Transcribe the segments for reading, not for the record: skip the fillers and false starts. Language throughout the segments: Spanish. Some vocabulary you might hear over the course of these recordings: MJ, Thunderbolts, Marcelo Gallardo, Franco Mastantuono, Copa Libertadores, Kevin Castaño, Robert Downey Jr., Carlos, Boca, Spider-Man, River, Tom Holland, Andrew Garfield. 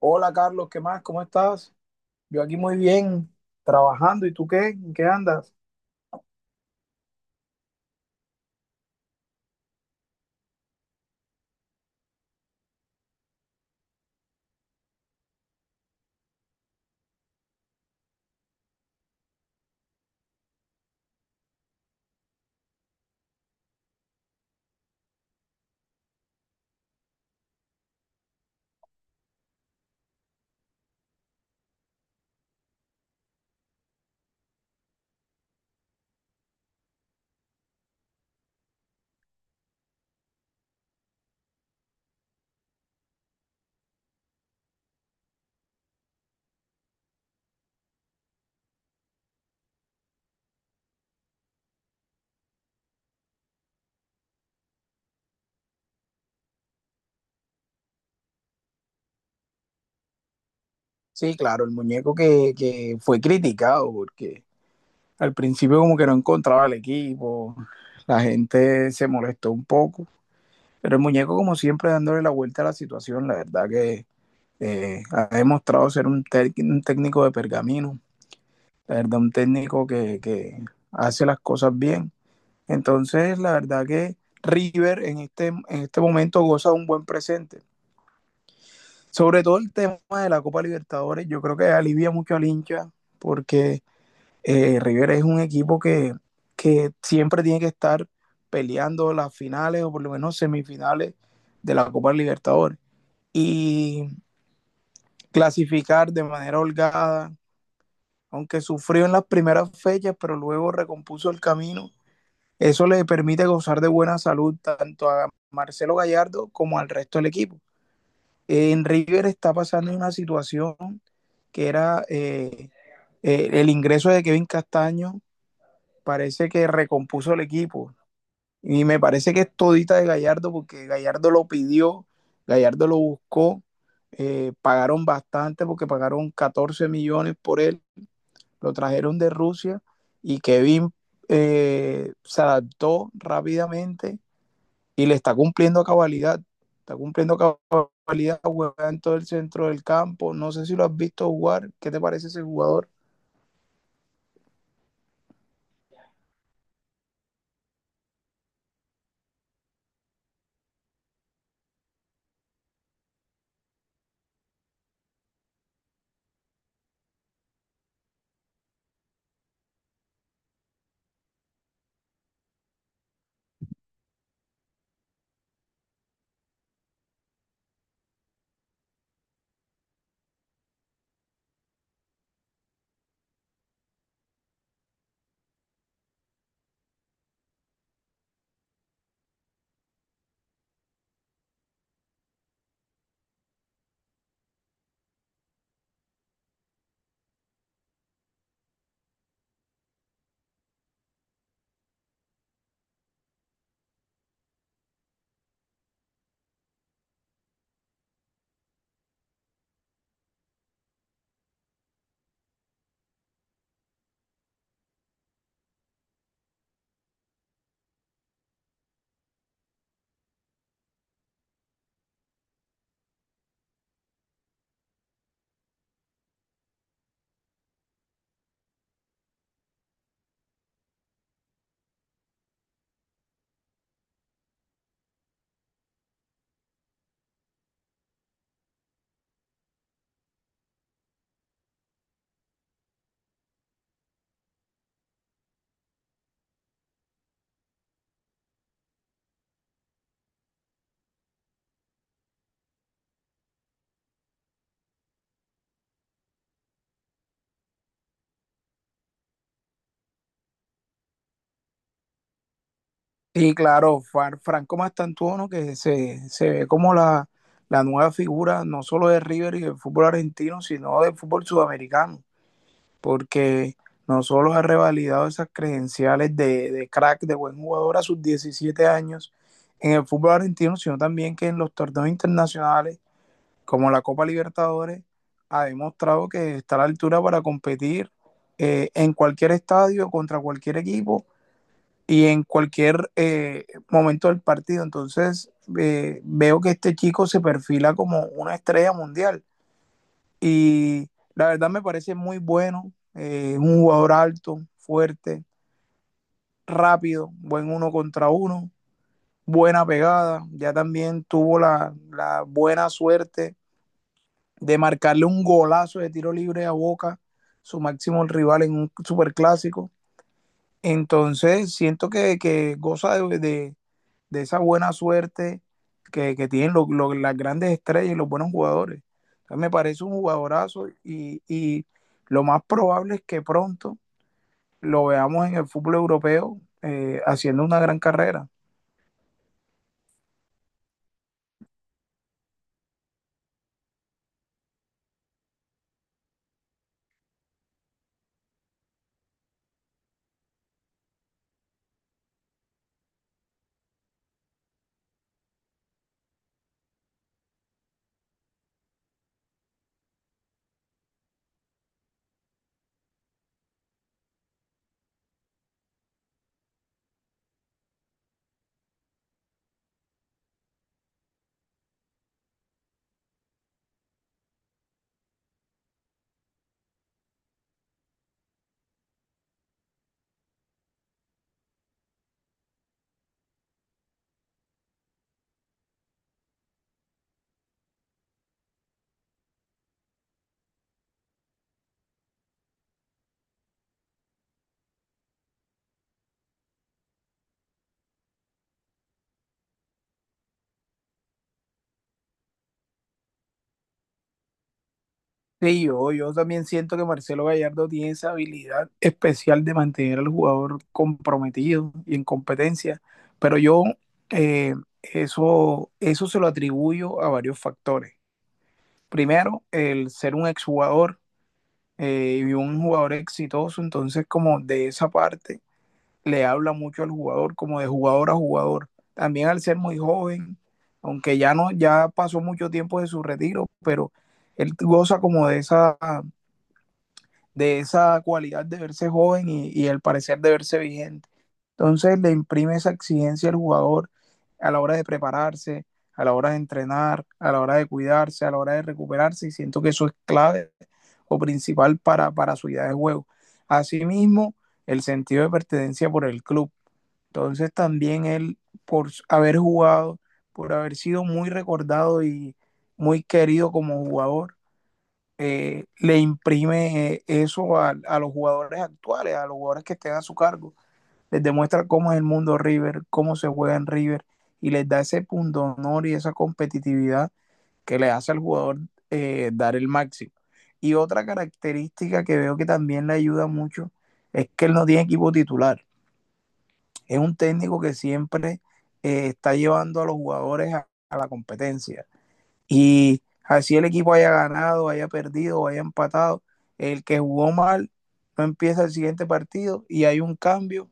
Hola Carlos, ¿qué más? ¿Cómo estás? Yo aquí muy bien, trabajando. ¿Y tú qué? ¿En qué andas? Sí, claro, el muñeco que fue criticado porque al principio como que no encontraba el equipo, la gente se molestó un poco, pero el muñeco como siempre dándole la vuelta a la situación, la verdad que ha demostrado ser un técnico de pergamino, la verdad un técnico que hace las cosas bien. Entonces, la verdad que River en este momento goza de un buen presente. Sobre todo el tema de la Copa Libertadores, yo creo que alivia mucho al hincha porque River es un equipo que siempre tiene que estar peleando las finales o por lo menos semifinales de la Copa Libertadores y clasificar de manera holgada, aunque sufrió en las primeras fechas, pero luego recompuso el camino. Eso le permite gozar de buena salud tanto a Marcelo Gallardo como al resto del equipo. En River está pasando una situación que era el ingreso de Kevin Castaño, parece que recompuso el equipo. Y me parece que es todita de Gallardo porque Gallardo lo pidió, Gallardo lo buscó, pagaron bastante porque pagaron 14 millones por él, lo trajeron de Rusia y Kevin se adaptó rápidamente y le está cumpliendo a cabalidad. Está cumpliendo a cabalidad, juega en todo el centro del campo. No sé si lo has visto jugar. ¿Qué te parece ese jugador? Y claro, Franco Mastantuono, se ve como la nueva figura no solo de River y del fútbol argentino, sino del fútbol sudamericano, porque no solo ha revalidado esas credenciales crack, de buen jugador a sus 17 años en el fútbol argentino, sino también que en los torneos internacionales como la Copa Libertadores ha demostrado que está a la altura para competir en cualquier estadio, contra cualquier equipo y en cualquier momento del partido. Entonces veo que este chico se perfila como una estrella mundial y la verdad me parece muy bueno. Es un jugador alto, fuerte, rápido, buen uno contra uno, buena pegada, ya también tuvo la buena suerte de marcarle un golazo de tiro libre a Boca, su máximo rival en un superclásico. Entonces, siento que goza esa buena suerte que tienen las grandes estrellas y los buenos jugadores. Entonces, me parece un jugadorazo lo más probable es que pronto lo veamos en el fútbol europeo haciendo una gran carrera. Sí, yo también siento que Marcelo Gallardo tiene esa habilidad especial de mantener al jugador comprometido y en competencia, pero yo eh, eso se lo atribuyo a varios factores. Primero, el ser un exjugador y un jugador exitoso, entonces como de esa parte le habla mucho al jugador, como de jugador a jugador. También al ser muy joven, aunque ya no, ya pasó mucho tiempo de su retiro, pero él goza como de esa cualidad de verse joven y el parecer de verse vigente. Entonces le imprime esa exigencia al jugador a la hora de prepararse, a la hora de entrenar, a la hora de cuidarse, a la hora de recuperarse, y siento que eso es clave o principal para su idea de juego. Asimismo, el sentido de pertenencia por el club. Entonces también él, por haber jugado, por haber sido muy recordado y muy querido como jugador, le imprime eso los jugadores actuales, a los jugadores que estén a su cargo. Les demuestra cómo es el mundo River, cómo se juega en River y les da ese punto honor y esa competitividad que le hace al jugador dar el máximo. Y otra característica que veo que también le ayuda mucho es que él no tiene equipo titular. Es un técnico que siempre está llevando a los jugadores a la competencia. Y así el equipo haya ganado, haya perdido, haya empatado, el que jugó mal no empieza el siguiente partido y hay un cambio.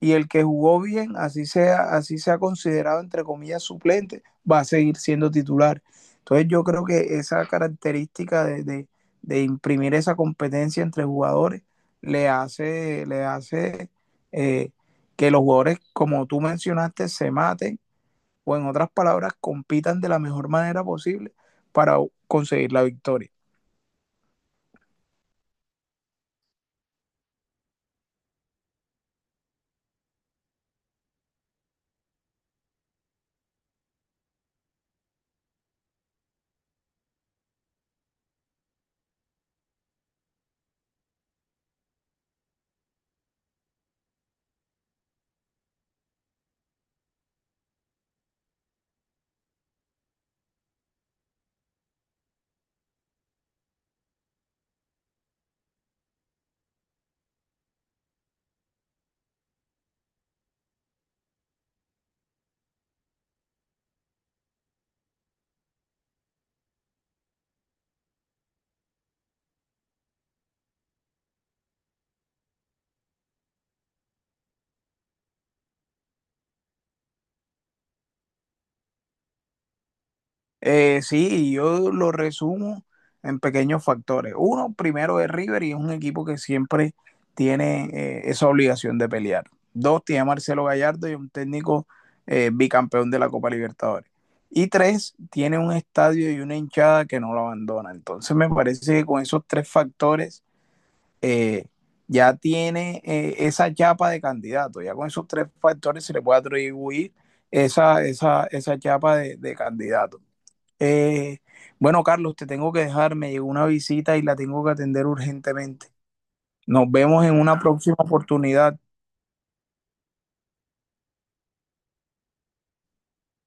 Y el que jugó bien, así sea considerado entre comillas suplente, va a seguir siendo titular. Entonces yo creo que esa característica de imprimir esa competencia entre jugadores le hace eh, que los jugadores, como tú mencionaste, se maten o en otras palabras, compitan de la mejor manera posible para conseguir la victoria. Sí, yo lo resumo en pequeños factores. Uno, primero es River y es un equipo que siempre tiene esa obligación de pelear. Dos, tiene a Marcelo Gallardo y un técnico bicampeón de la Copa Libertadores. Y tres, tiene un estadio y una hinchada que no lo abandona. Entonces me parece que con esos tres factores eh, ya tiene esa chapa de candidato. Ya con esos tres factores se le puede atribuir esa chapa de candidato. Eh, bueno, Carlos, te tengo que dejar, me llegó una visita y la tengo que atender urgentemente. Nos vemos en una próxima oportunidad.